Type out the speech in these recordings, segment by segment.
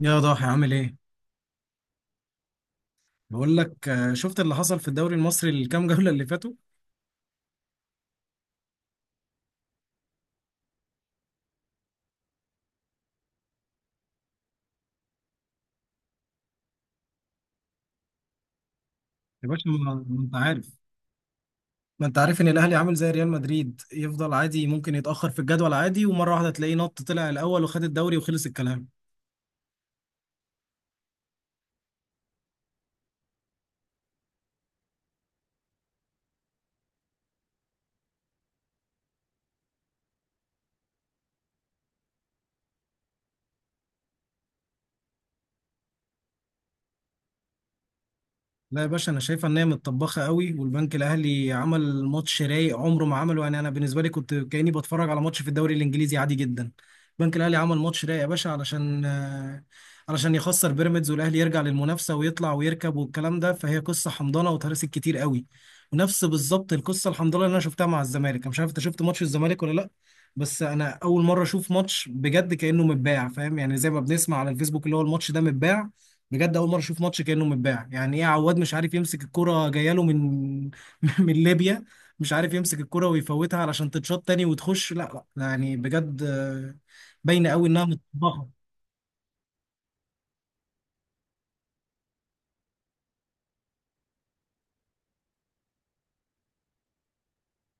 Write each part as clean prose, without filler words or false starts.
يا ضاحي، عامل ايه؟ بقول لك، شفت اللي حصل في الدوري المصري الكام جولة اللي فاتوا؟ يا باشا، ما انت عارف ان الاهلي عامل زي ريال مدريد، يفضل عادي ممكن يتأخر في الجدول عادي، ومرة واحدة تلاقيه نط طلع الاول وخد الدوري وخلص الكلام. لا يا باشا، انا شايفه ان هي متطبخه قوي، والبنك الاهلي عمل ماتش رايق عمره ما عمله. يعني انا بالنسبه لي كنت كاني بتفرج على ماتش في الدوري الانجليزي عادي جدا. البنك الاهلي عمل ماتش رايق يا باشا علشان علشان يخسر بيراميدز والاهلي يرجع للمنافسه ويطلع ويركب والكلام ده. فهي قصه حمضانه وتهرست كتير قوي. ونفس بالظبط القصه الحمضانه اللي انا شفتها مع الزمالك. انا مش عارف انت شفت ماتش الزمالك ولا لا. بس انا اول مره اشوف ماتش بجد كانه متباع، فاهم؟ يعني زي ما بنسمع على الفيسبوك، اللي هو الماتش ده متباع. بجد اول مره اشوف ماتش كانه متباع. يعني ايه عواد مش عارف يمسك الكره جايه له من من ليبيا؟ مش عارف يمسك الكره ويفوتها علشان تتشاط تاني وتخش. لا لا يعني بجد، باينه قوي انها مطبخه.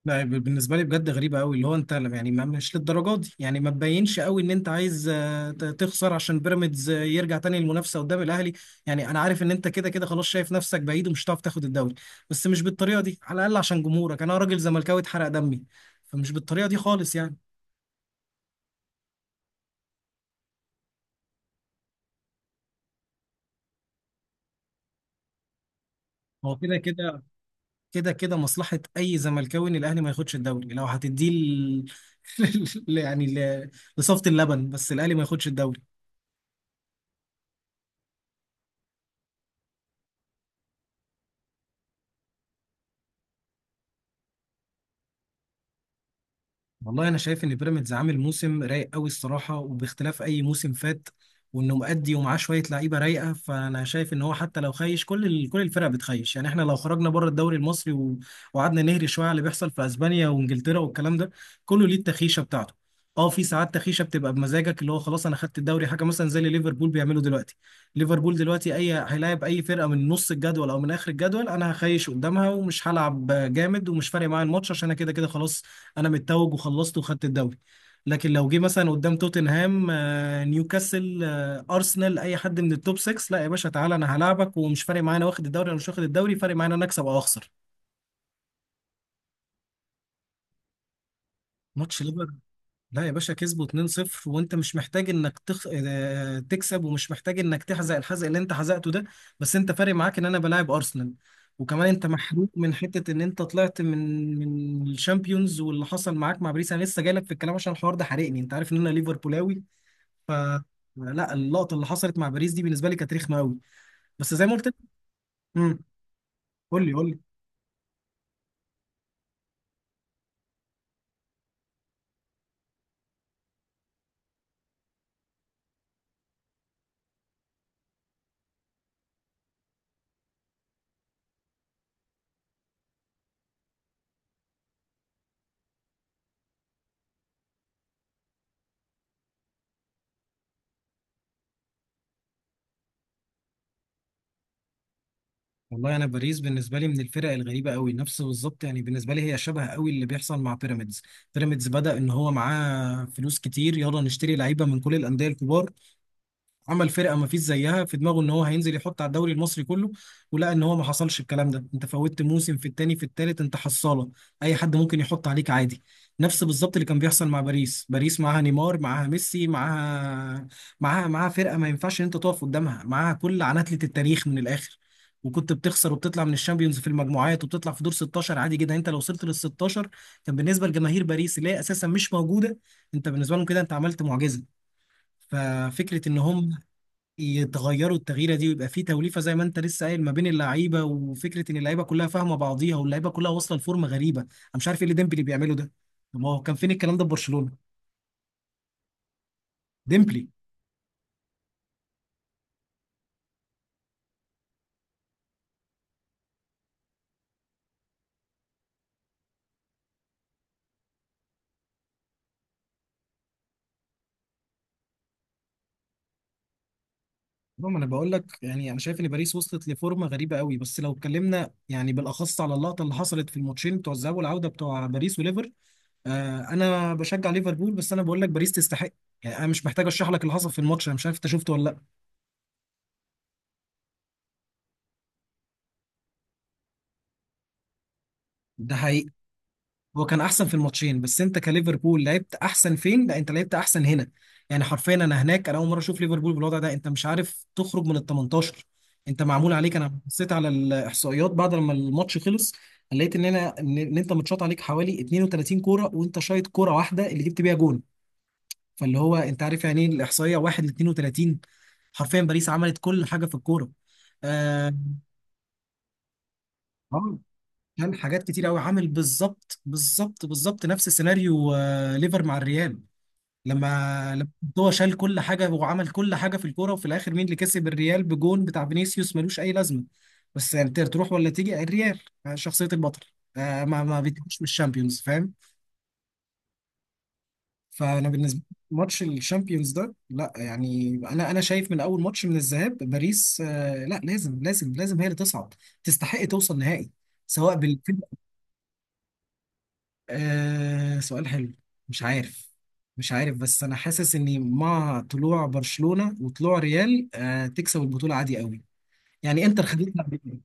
لا، بالنسبه لي بجد غريبه قوي، اللي هو انت يعني ما مش للدرجه دي. يعني ما تبينش قوي ان انت عايز تخسر عشان بيراميدز يرجع تاني للمنافسه قدام الاهلي. يعني انا عارف ان انت كده كده خلاص شايف نفسك بعيد ومش هتعرف تاخد الدوري. بس مش بالطريقه دي على الاقل عشان جمهورك، انا راجل زملكاوي اتحرق دمي. فمش بالطريقه دي خالص يعني. هو كده كده. كده كده مصلحة أي زملكاوي إن الأهلي ما ياخدش الدوري. لو هتديه يعني لصفة اللبن، بس الأهلي ما ياخدش الدوري. والله انا شايف ان بيراميدز عامل موسم رايق قوي الصراحه، وباختلاف اي موسم فات. وانه مؤدي ومعاه شويه لعيبه رايقه، فانا شايف ان هو حتى لو خايش كل الفرق بتخيش يعني. احنا لو خرجنا بره الدوري المصري و... وقعدنا نهري شويه على اللي بيحصل في اسبانيا وانجلترا والكلام ده، كله ليه التخيشه بتاعته. اه، في ساعات تخيشه بتبقى بمزاجك، اللي هو خلاص انا خدت الدوري، حاجه مثلا زي اللي ليفربول بيعمله دلوقتي. ليفربول دلوقتي اي هيلاعب اي فرقه من نص الجدول او من اخر الجدول، انا هخيش قدامها ومش هلعب جامد، ومش فارق معايا الماتش عشان انا كده كده خلاص. انا متوج وخلصت وخدت الدوري. لكن لو جه مثلا قدام توتنهام، نيوكاسل، ارسنال، اي حد من التوب 6، لا يا باشا تعالى انا هلاعبك، ومش فارق معايا انا واخد الدوري انا مش واخد الدوري، فارق معايا انا اكسب او اخسر. ماتش ليفر؟ لا يا باشا، كسبوا 2-0، وانت مش محتاج انك تخ... آه، تكسب، ومش محتاج انك تحزق الحزق اللي انت حزقته ده. بس انت فارق معاك ان انا بلاعب ارسنال. وكمان انت محروق من حته ان انت طلعت من الشامبيونز واللي حصل معاك مع باريس. انا لسه جاي لك في الكلام عشان الحوار ده حرقني. انت عارف ان انا ليفربولاوي. ف لا، اللقطه اللي حصلت مع باريس دي بالنسبه لي كانت رخمه قوي. بس زي ما قلت لك. امم قول لي قول لي. والله انا باريس بالنسبه لي من الفرق الغريبه قوي. نفس بالظبط يعني بالنسبه لي هي شبه قوي اللي بيحصل مع بيراميدز. بيراميدز بدا ان هو معاه فلوس كتير، يلا نشتري لعيبه من كل الانديه الكبار. عمل فرقه ما فيش زيها، في دماغه ان هو هينزل يحط على الدوري المصري كله. ولقى ان هو ما حصلش الكلام ده. انت فوتت موسم، في التاني، في التالت انت حصاله، اي حد ممكن يحط عليك عادي. نفس بالظبط اللي كان بيحصل مع باريس. باريس معاها نيمار، معاها ميسي، معاها فرقه ما ينفعش ان انت تقف قدامها، معاها كل عناتله التاريخ من الاخر. وكنت بتخسر وبتطلع من الشامبيونز في المجموعات، وبتطلع في دور 16 عادي جدا. انت لو وصلت لل 16، كان بالنسبه لجماهير باريس اللي هي اساسا مش موجوده، انت بالنسبه لهم كده انت عملت معجزه. ففكره ان هم يتغيروا التغييره دي، ويبقى في توليفه زي ما انت لسه قايل ما بين اللعيبه، وفكره ان اللعيبه كلها فاهمه بعضيها، واللعيبه كلها واصله لفورمه غريبه. انا مش عارف ايه اللي ديمبلي بيعمله ده. طب ما هو كان فين الكلام ده في برشلونه؟ ديمبلي. المهم، انا بقول لك يعني انا شايف ان باريس وصلت لفورمه غريبه قوي. بس لو اتكلمنا يعني بالاخص على اللقطه اللي حصلت في الماتشين بتوع الذهاب والعوده بتوع باريس وليفر، انا بشجع ليفربول، بس انا بقول لك باريس تستحق. يعني انا مش محتاج اشرح لك اللي حصل في الماتش، انا مش عارف انت شفته ولا لا. ده حقيقي. هو كان احسن في الماتشين، بس انت كليفربول لعبت احسن فين؟ لا، انت لعبت احسن هنا. يعني حرفيا انا هناك، انا اول مره اشوف ليفربول بالوضع ده. انت مش عارف تخرج من ال 18. انت معمول عليك. انا بصيت على الاحصائيات بعد لما الماتش خلص، لقيت ان انا ان إن انت متشاط عليك حوالي 32 كوره، وانت شايط كوره واحده اللي جبت بيها جون. فاللي هو انت عارف يعني ايه الاحصائيه 1 ل 32؟ حرفيا باريس عملت كل حاجه في الكوره. آه آه، كان حاجات كتير قوي، عامل بالظبط بالظبط بالظبط نفس سيناريو ليفر مع الريال، لما هو شال كل حاجه وعمل كل حاجه في الكوره. وفي الاخر مين اللي كسب؟ الريال بجون بتاع فينيسيوس ملوش اي لازمه. بس يعني تروح ولا تيجي الريال، شخصيه البطل، ما بيتجيش من الشامبيونز، فاهم؟ فانا بالنسبه لي ماتش الشامبيونز ده لا. يعني انا شايف من اول ماتش من الذهاب باريس، لا لازم لازم لازم هي اللي تصعد. تستحق توصل نهائي، سواء آه، سؤال حلو. مش عارف. مش عارف، بس انا حاسس اني مع طلوع برشلونة وطلوع ريال، تكسب البطولة عادي قوي. يعني انتر خدتها قبل كده.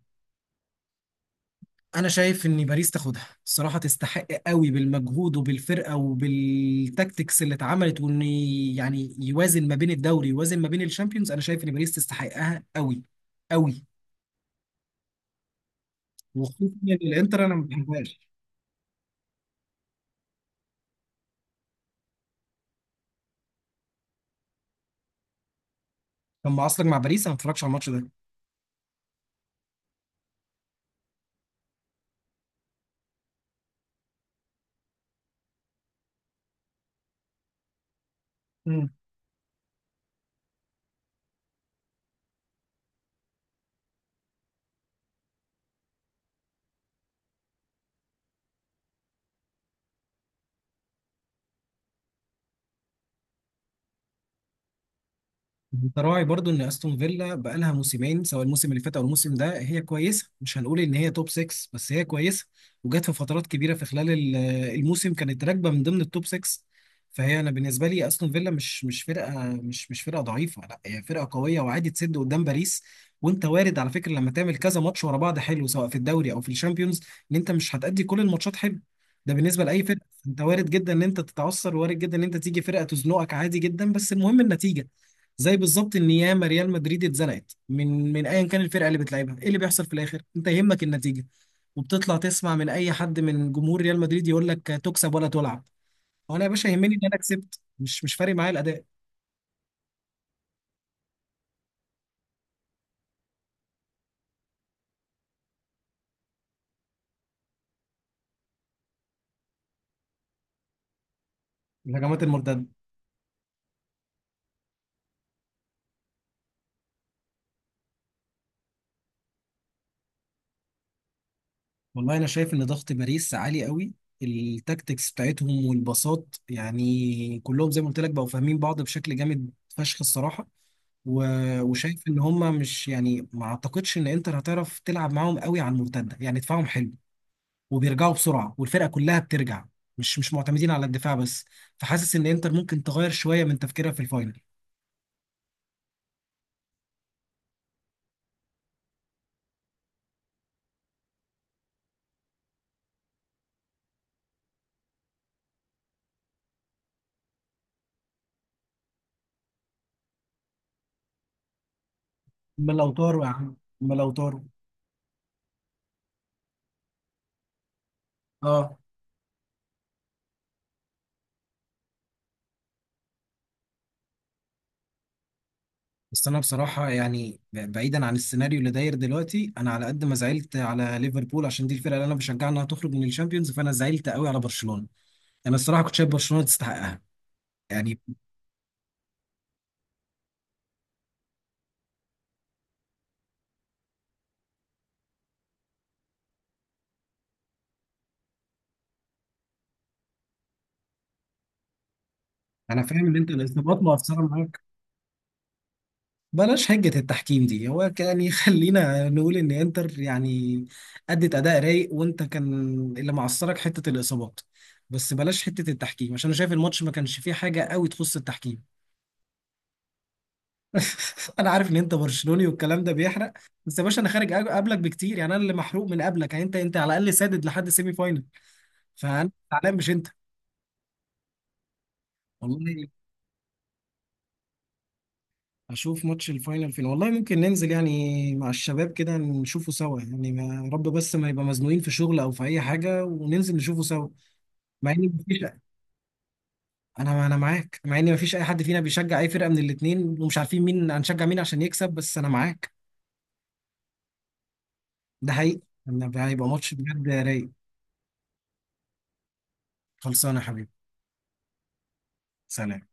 انا شايف ان باريس تاخدها الصراحة، تستحق قوي بالمجهود وبالفرقة وبالتكتكس اللي اتعملت، وان يعني يوازن ما بين الدوري، يوازن ما بين الشامبيونز. انا شايف ان باريس تستحقها قوي قوي. وخصوصا ان الانتر انا ما بحبهاش. كان معاصلك مع باريس، انا ما اتفرجش على الماتش ده. انت راعي برضو ان استون فيلا بقالها موسمين، سواء الموسم اللي فات او الموسم ده، هي كويسه. مش هنقول ان هي توب 6، بس هي كويسه. وجت في فترات كبيره في خلال الموسم كانت راكبه من ضمن التوب 6. فهي انا بالنسبه لي استون فيلا مش فرقه ضعيفه. لا هي فرقه قويه وعادي تسد قدام باريس. وانت وارد على فكره، لما تعمل كذا ماتش ورا بعض حلو سواء في الدوري او في الشامبيونز، ان انت مش هتأدي كل الماتشات حلو. ده بالنسبه لاي فرقه انت وارد جدا ان انت تتعثر، وارد جدا ان انت تيجي فرقه تزنقك عادي جدا، بس المهم النتيجه. زي بالظبط ان ياما ريال مدريد اتزنقت من ايا كان الفرقه اللي بتلعبها. ايه اللي بيحصل في الاخر؟ انت يهمك النتيجه. وبتطلع تسمع من اي حد من جمهور ريال مدريد يقول لك تكسب ولا تلعب. وانا يا باشا يهمني ان انا كسبت، مش فارق معايا الاداء. الهجمات المرتده. والله انا شايف ان ضغط باريس عالي قوي، التاكتكس بتاعتهم والباصات يعني كلهم زي ما قلت لك بقوا فاهمين بعض بشكل جامد فشخ الصراحه. و- وشايف ان هم مش يعني ما اعتقدش ان انتر هتعرف تلعب معاهم قوي على المرتده. يعني دفاعهم حلو وبيرجعوا بسرعه والفرقه كلها بترجع، مش معتمدين على الدفاع بس. فحاسس ان انتر ممكن تغير شويه من تفكيرها في الفاينل. اما لو طاروا يا عم، اما لو طاروا. اه بس انا بصراحه يعني بعيدا عن السيناريو اللي داير دلوقتي، انا على قد ما زعلت على ليفربول عشان دي الفرقه اللي انا بشجعها انها تخرج من الشامبيونز، فانا زعلت قوي على برشلونه. انا الصراحه كنت شايف برشلونه تستحقها يعني. انا فاهم ان انت الاصابات مؤثره معاك. بلاش هجة التحكيم دي، هو يعني خلينا نقول ان انتر يعني ادت اداء رايق، وانت كان اللي معصرك حتة الاصابات. بس بلاش حتة التحكيم عشان انا شايف الماتش ما كانش فيه حاجة قوي تخص التحكيم. انا عارف ان انت برشلوني والكلام ده بيحرق. بس يا باشا انا خارج قبلك بكتير، يعني انا اللي محروق من قبلك. يعني انت على الاقل سادد لحد سيمي فاينل. فانا زعلان مش انت. والله اشوف ماتش الفاينل فين. والله ممكن ننزل يعني مع الشباب كده نشوفه سوا، يعني ما يا رب بس ما يبقى مزنوقين في شغل او في اي حاجه، وننزل نشوفه سوا. مع ان مفيش، انا معاك. مع ان مفيش اي حد فينا بيشجع اي فرقه من الاتنين، ومش عارفين مين هنشجع مين عشان يكسب، بس انا معاك. ده حقيقي. إن هيبقى ماتش بجد رايق. خلصانه يا حبيبي. سلام.